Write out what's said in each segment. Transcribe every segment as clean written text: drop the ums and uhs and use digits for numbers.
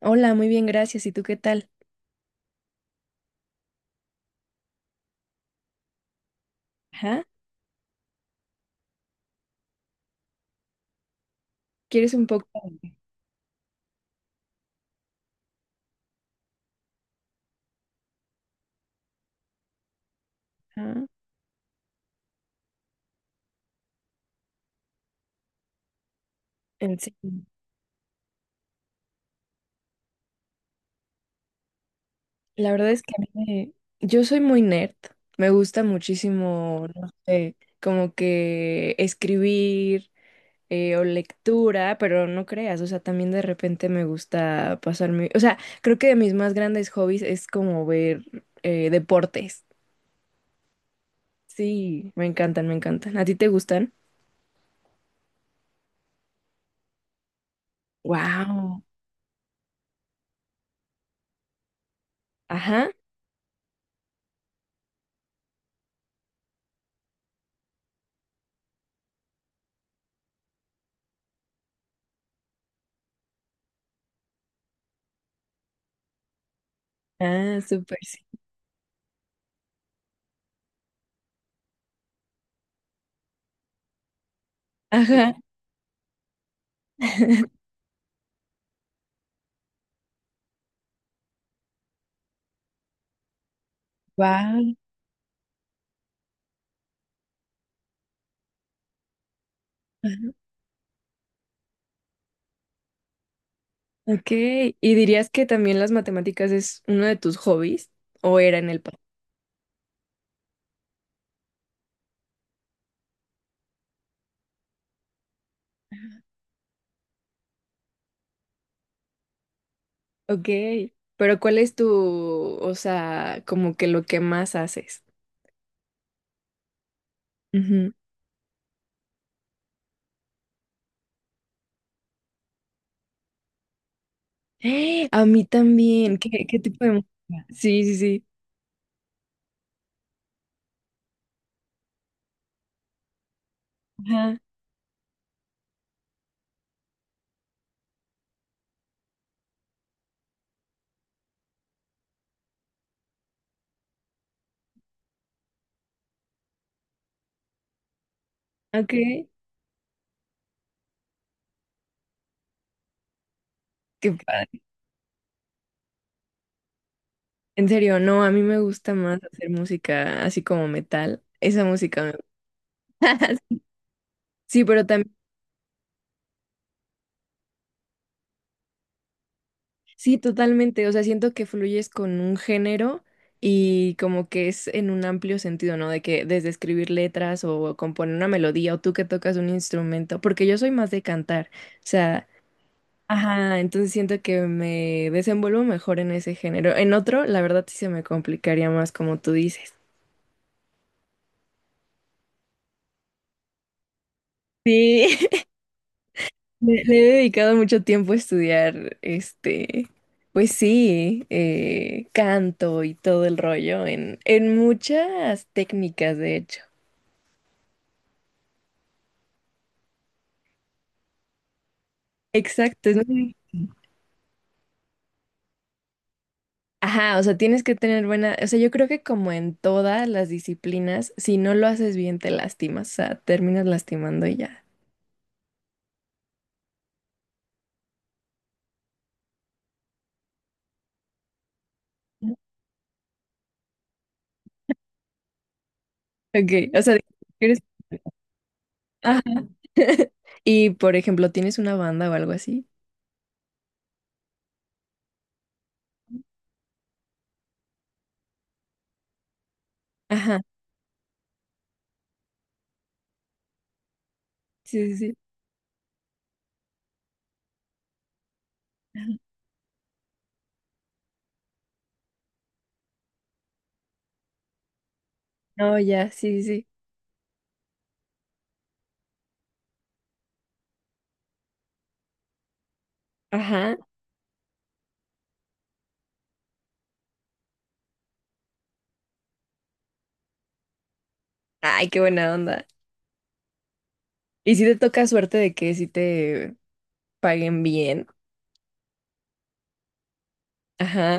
Hola, muy bien, gracias. ¿Y tú qué tal? Ajá. ¿Quieres un poco? Ajá. En sí. La verdad es que a mí me... Yo soy muy nerd. Me gusta muchísimo, no sé, como que escribir o lectura, pero no creas, o sea, también de repente me gusta pasar mi O sea, creo que de mis más grandes hobbies es como ver deportes. Sí, me encantan, me encantan. ¿A ti te gustan? Wow. Ajá. Ah, súper, sí. Ajá. Wow. Ok, ¿y dirías que también las matemáticas es uno de tus hobbies o era en el pasado? Ok, pero ¿cuál es tu, o sea, como que lo que más haces? Ujú. ¡Eh! A mí también, ¿qué, qué tipo de música? Sí, sí, sí. Ajá. Ok, qué padre. En serio, no, a mí me gusta más hacer música así como metal. Esa música me Sí, pero también Sí, totalmente. O sea, siento que fluyes con un género y como que es en un amplio sentido, ¿no? De que desde escribir letras o componer una melodía o tú que tocas un instrumento, porque yo soy más de cantar. O sea, ajá, entonces siento que me desenvuelvo mejor en ese género. En otro, la verdad sí se me complicaría más, como tú dices. Sí, Le he dedicado mucho tiempo a estudiar, este, pues sí, canto y todo el rollo en muchas técnicas, de hecho. Exacto, es muy... Ajá, o sea, tienes que tener buena, o sea, yo creo que como en todas las disciplinas, si no lo haces bien, te lastimas, o sea, terminas lastimando y ya. Ok, o sea, eres... Ajá. Y, por ejemplo, ¿tienes una banda o algo así? Ajá, sí, sí, sí. Ajá. No, ya, sí, sí. Sí. Ajá. Ay, qué buena onda. Y si te toca suerte de que si te paguen bien. Ajá.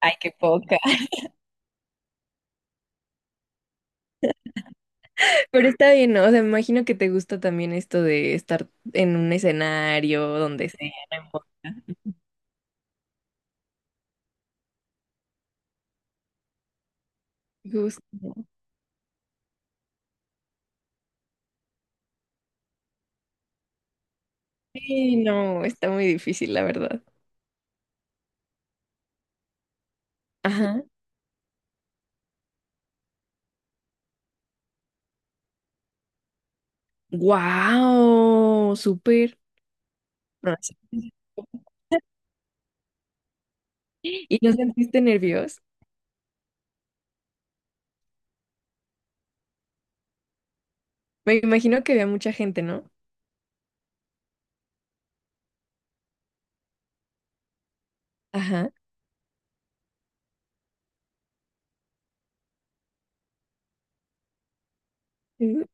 Ay, qué poca. Pero está bien, ¿no? O sea, me imagino que te gusta también esto de estar en un escenario, donde sea, no importa. Justo. Sí, no, está muy difícil, la verdad. Ajá. ¡Wow! ¡Súper! No, sí. ¿Y no sentiste nervios? Me imagino que había mucha gente, ¿no? Ajá. Ujú.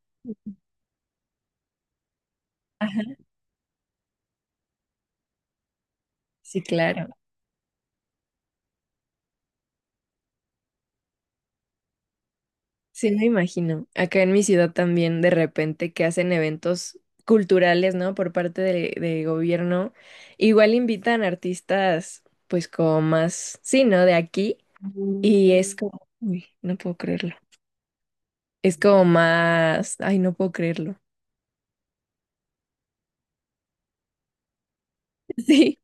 Ajá. Sí, claro. Sí, me imagino. Acá en mi ciudad también de repente que hacen eventos culturales, ¿no? Por parte de gobierno. Igual invitan artistas, pues como más, sí, ¿no? De aquí. Y es como, uy, no puedo creerlo. Es como más, ay, no puedo creerlo. Sí,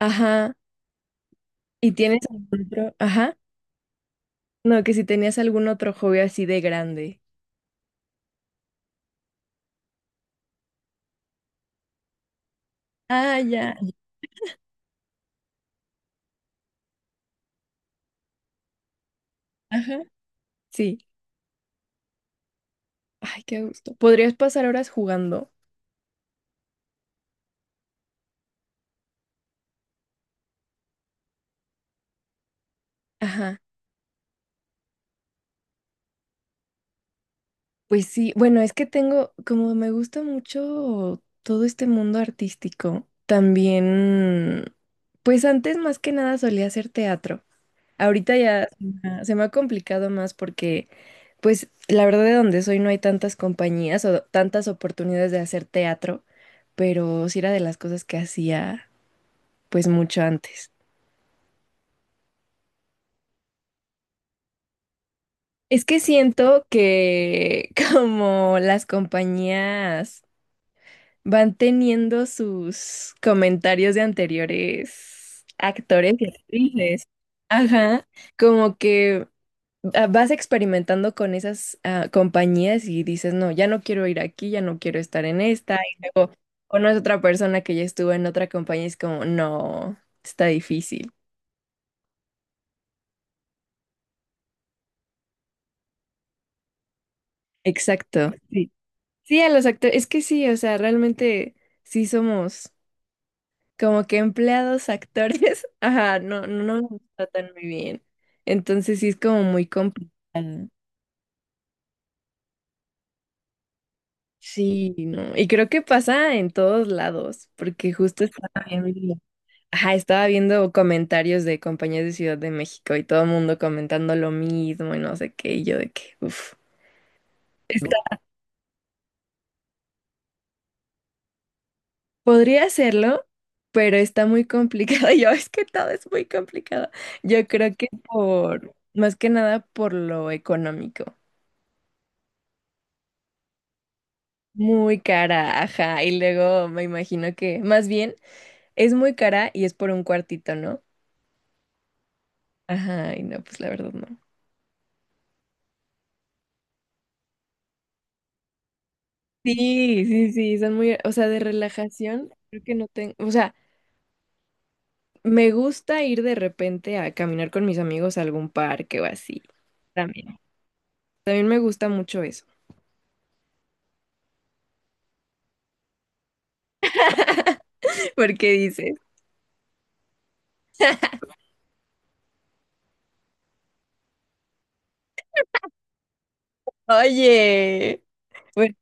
ajá. ¿Y tienes algún otro? Ajá. No, que si tenías algún otro hobby así de grande. Ah, ya. Ajá. Sí. Ay, qué gusto. ¿Podrías pasar horas jugando? Ajá. Pues sí, bueno, es que tengo, como me gusta mucho todo este mundo artístico, también, pues antes más que nada solía hacer teatro. Ahorita ya se me ha complicado más porque, pues la verdad de donde soy no hay tantas compañías o tantas oportunidades de hacer teatro, pero sí era de las cosas que hacía pues mucho antes. Es que siento que como las compañías van teniendo sus comentarios de anteriores actores y actrices. Ajá, como que ah, vas experimentando con esas ah, compañías y dices, no, ya no quiero ir aquí, ya no quiero estar en esta. Y luego conoces otra persona que ya estuvo en otra compañía y es como, no, está difícil. Exacto. Sí. Sí, a los actores, es que sí, o sea, realmente sí somos. Como que empleados, actores, ajá, no, no, no me tratan muy bien. Entonces sí es como muy complicado. Sí, no. Y creo que pasa en todos lados, porque justo estaba viendo, ajá, estaba viendo comentarios de compañías de Ciudad de México y todo el mundo comentando lo mismo y no sé qué, y yo de que, uff. Podría hacerlo, pero está muy complicado. Yo, es que todo es muy complicado. Yo creo que por, más que nada por lo económico. Muy cara, ajá. Y luego me imagino que, más bien, es muy cara y es por un cuartito, ¿no? Ajá, y no, pues la verdad no. Sí, sí, sí, son muy, o sea, de relajación, creo que no tengo, o sea, me gusta ir de repente a caminar con mis amigos a algún parque o así. También. También me gusta mucho eso. Porque dices, oye, bueno,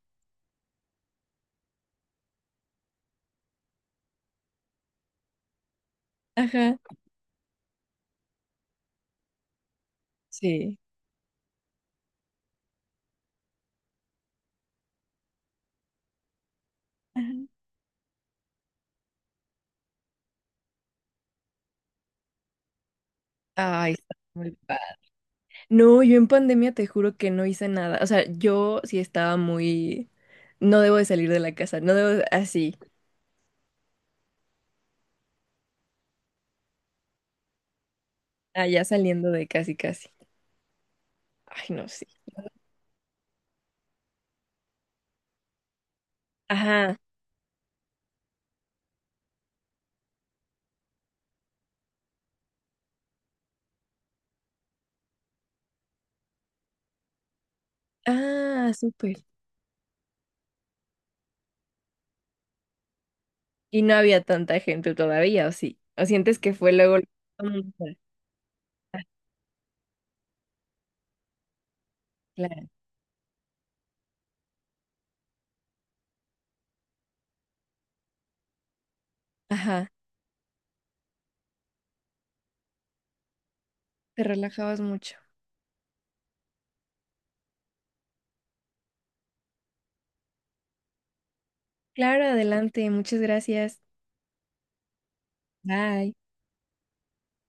ajá, sí. Ajá. Ay, está muy No, yo en pandemia te juro que no hice nada. O sea, yo sí estaba muy... No debo de salir de la casa, no debo de- así, allá saliendo de casi casi. Ay, no, sí. Ajá. Ah, súper. Y no había tanta gente todavía, ¿o sí? ¿O sientes que fue luego... Mm, ah, claro. Ajá. Te relajabas mucho. Claro, adelante. Muchas gracias. Bye.